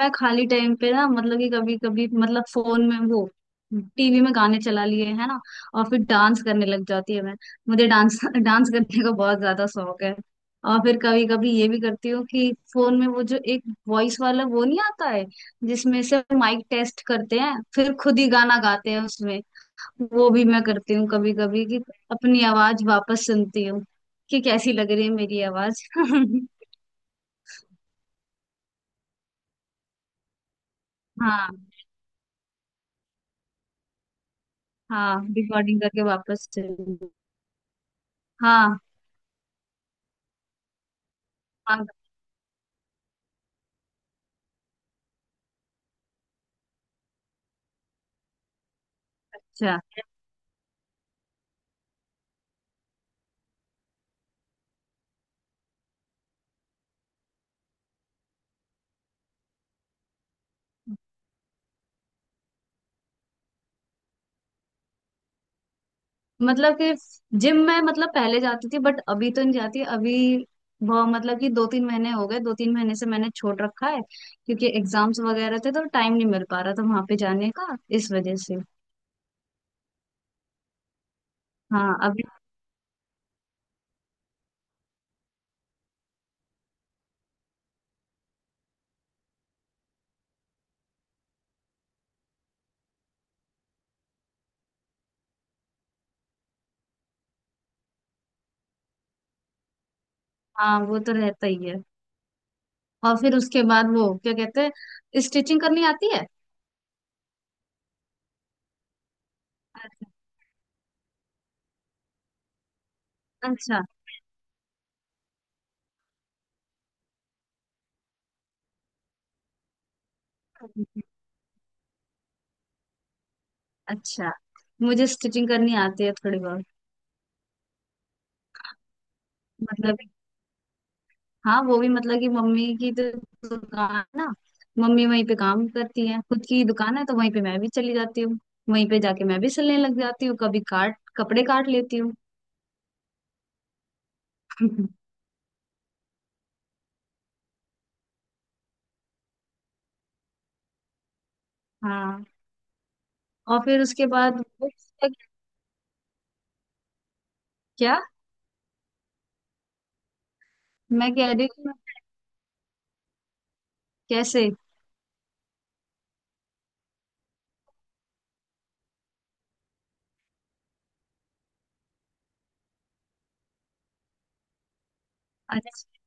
मैं खाली टाइम पे ना मतलब कि कभी कभी मतलब फोन में वो टीवी में गाने चला लिए है ना। और फिर डांस करने लग जाती है। मैं मुझे डांस डांस करने का बहुत ज्यादा शौक है। और फिर कभी कभी ये भी करती हूँ कि फोन में वो जो एक वॉइस वाला वो नहीं आता है, जिसमें से माइक टेस्ट करते हैं फिर खुद ही गाना गाते हैं उसमें। वो भी मैं करती हूँ कभी कभी कि अपनी आवाज वापस सुनती हूँ कि कैसी लग रही है मेरी आवाज हाँ। हाँ रिकॉर्डिंग करके वापस सुनती हूँ। हाँ। हाँ, अच्छा मतलब कि जिम में मतलब पहले जाती थी बट अभी तो नहीं जाती। अभी बहुत मतलब कि दो तीन महीने हो गए, दो तीन महीने से मैंने छोड़ रखा है क्योंकि एग्जाम्स वगैरह थे तो टाइम नहीं मिल पा रहा था वहां पे जाने का, इस वजह से। हाँ अभी। हाँ वो तो रहता ही है। और फिर उसके बाद वो क्या कहते हैं, स्टिचिंग करनी आती है। अच्छा। अच्छा। अच्छा मुझे स्टिचिंग करनी आती है थोड़ी बहुत। मतलब हाँ वो भी, मतलब कि मम्मी की तो दुकान है ना। मम्मी वहीं पे काम करती है, खुद की दुकान है तो वहीं पे मैं भी चली जाती हूँ। वहीं पे जाके मैं भी सिलने लग जाती हूँ, कभी काट कपड़े काट लेती हूँ। हाँ। और फिर उसके बाद बुक्स तक- क्या? मैं कह रही हूँ कैसे। अच्छा,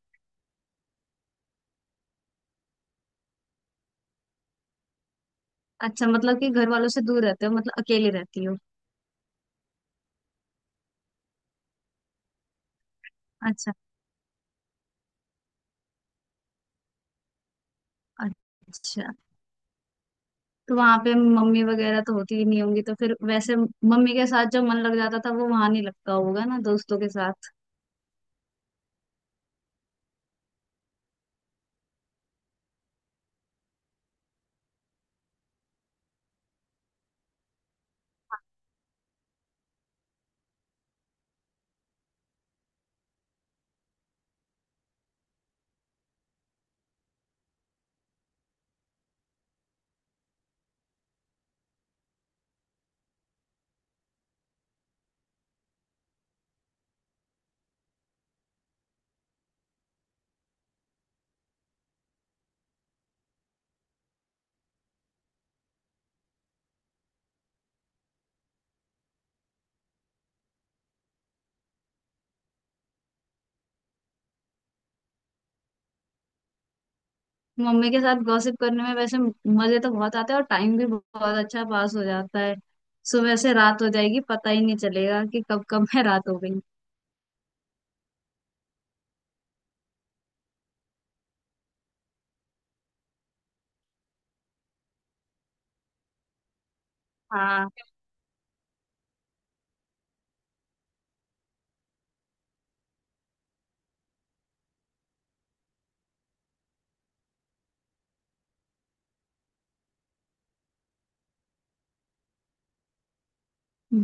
अच्छा मतलब कि घर वालों से दूर रहते हो, मतलब अकेले रहती हो। अच्छा। अच्छा तो वहां पे मम्मी वगैरह तो होती ही नहीं होंगी, तो फिर वैसे मम्मी के साथ जो मन लग जाता था वो वहां नहीं लगता होगा ना दोस्तों के साथ। मम्मी के साथ गॉसिप करने में वैसे मजे तो बहुत आते हैं, और टाइम भी बहुत अच्छा पास हो जाता है। सुबह से रात हो जाएगी पता ही नहीं चलेगा कि कब कब में रात हो गई। हाँ।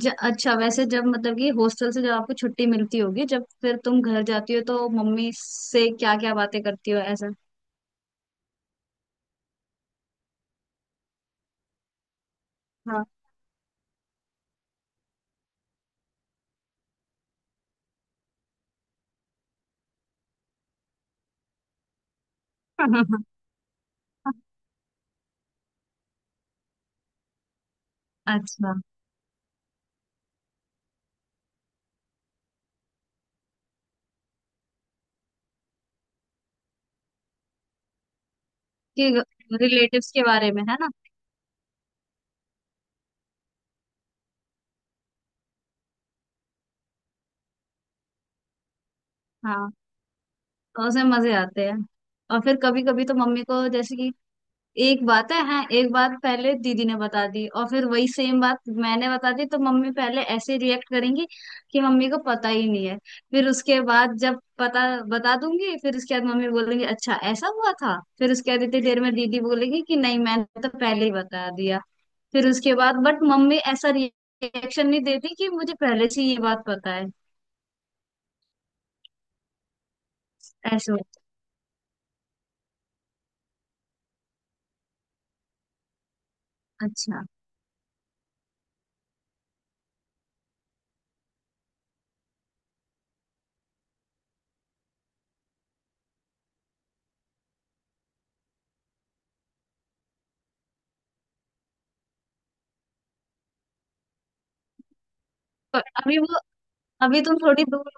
अच्छा वैसे जब मतलब कि हॉस्टल से जब आपको छुट्टी मिलती होगी, जब फिर तुम घर जाती हो, तो मम्मी से क्या क्या बातें करती हो ऐसा? हाँ। अच्छा, कि रिलेटिव्स के बारे में है ना। हाँ तो उसमें मजे आते हैं। और फिर कभी कभी तो मम्मी को जैसे कि एक बात है, हाँ एक बात पहले दीदी ने बता दी और फिर वही सेम बात मैंने बता दी, तो मम्मी पहले ऐसे रिएक्ट करेंगी कि मम्मी को पता ही नहीं है। फिर उसके बाद जब पता बता दूंगी, फिर उसके बाद मम्मी बोलेंगी अच्छा ऐसा हुआ था। फिर उसके बाद इतनी देर में दीदी बोलेगी कि नहीं मैंने तो पहले ही बता दिया। फिर उसके बाद बट मम्मी ऐसा रिएक्शन नहीं देती कि मुझे पहले से ये बात पता है। ऐसे होता है। अच्छा पर अभी वो, अभी तुम थोड़ी दूर,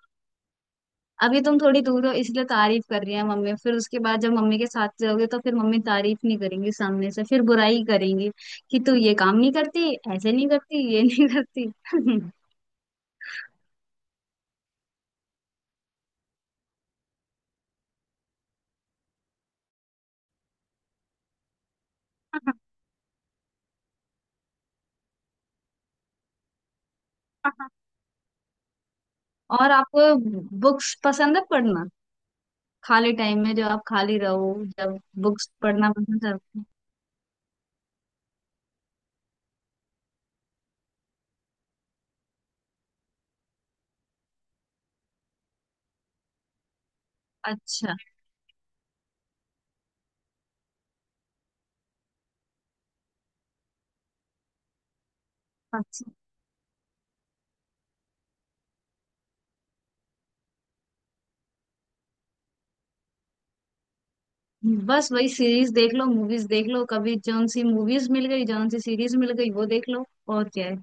अभी तुम थोड़ी दूर हो इसलिए तारीफ कर रही है मम्मी। फिर उसके बाद जब मम्मी के साथ रहोगे तो फिर मम्मी तारीफ नहीं करेंगी, सामने से फिर बुराई करेंगी कि तू ये काम नहीं करती, ऐसे नहीं करती, ये नहीं करती। और आपको बुक्स पसंद है पढ़ना? खाली टाइम में जो आप खाली रहो, जब बुक्स पढ़ना पसंद करते हो? अच्छा। अच्छा बस वही सीरीज देख लो, मूवीज देख लो, कभी जौन सी मूवीज मिल गई जौन सी सीरीज मिल गई वो देख लो, और क्या है।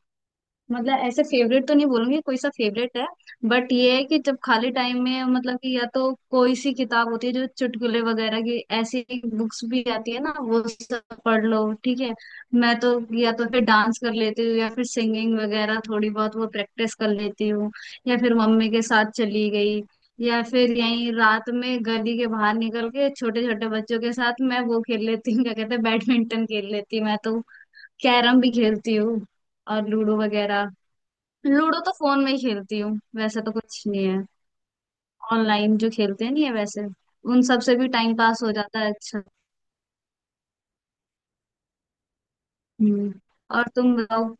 मतलब ऐसे फेवरेट तो नहीं बोलूंगी कोई सा फेवरेट है, बट ये है कि जब खाली टाइम में मतलब कि या तो कोई सी किताब होती है जो चुटकुले वगैरह की, ऐसी बुक्स भी आती है ना, वो सब पढ़ लो ठीक है। मैं तो या तो फिर डांस कर लेती हूँ, या फिर सिंगिंग वगैरह थोड़ी बहुत वो प्रैक्टिस कर लेती हूँ, या फिर मम्मी के साथ चली गई, या फिर यहीं रात में गली के बाहर निकल के छोटे छोटे बच्चों के साथ मैं वो खेल लेती हूँ क्या कहते हैं, बैडमिंटन खेल लेती हूँ मैं तो। कैरम भी खेलती हूँ। और लूडो वगैरह, लूडो तो फोन में ही खेलती हूँ। वैसे तो कुछ नहीं है। ऑनलाइन जो खेलते हैं नहीं है वैसे। उन सब से भी टाइम पास हो जाता है। अच्छा। हम्म और तुम बताओ।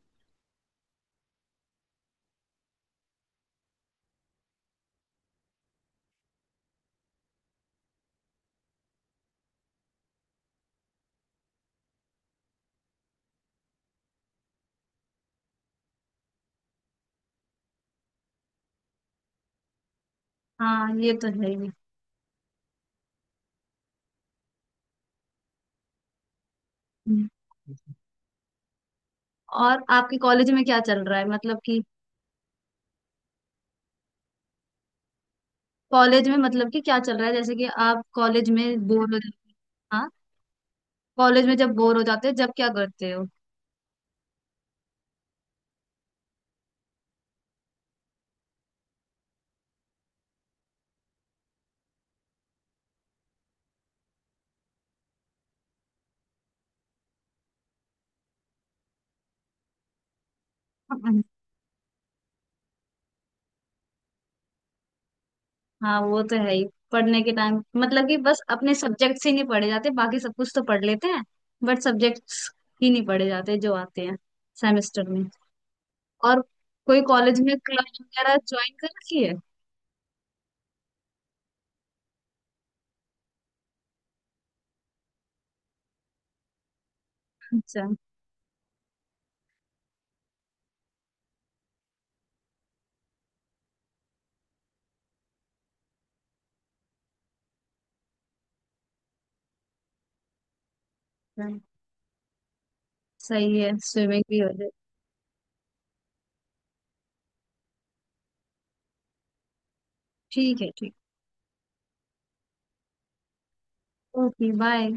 हाँ ये तो है ही। हम्म, और आपके कॉलेज में क्या चल रहा है, मतलब कि कॉलेज में मतलब कि क्या चल रहा है, जैसे कि आप कॉलेज में बोर हो जाते। हाँ कॉलेज में जब बोर हो जाते हो जब क्या करते हो? हाँ वो तो है ही। पढ़ने के टाइम मतलब कि बस अपने सब्जेक्ट्स ही नहीं पढ़े जाते, बाकी सब कुछ तो पढ़ लेते हैं, बट सब्जेक्ट्स ही नहीं पढ़े जाते जो आते हैं सेमेस्टर में। और कोई कॉलेज में क्लब वगैरह ज्वाइन कर रखी है? अच्छा। अच्छा, सही है स्विमिंग भी हो जाए। ठीक है ठीक। Okay bye.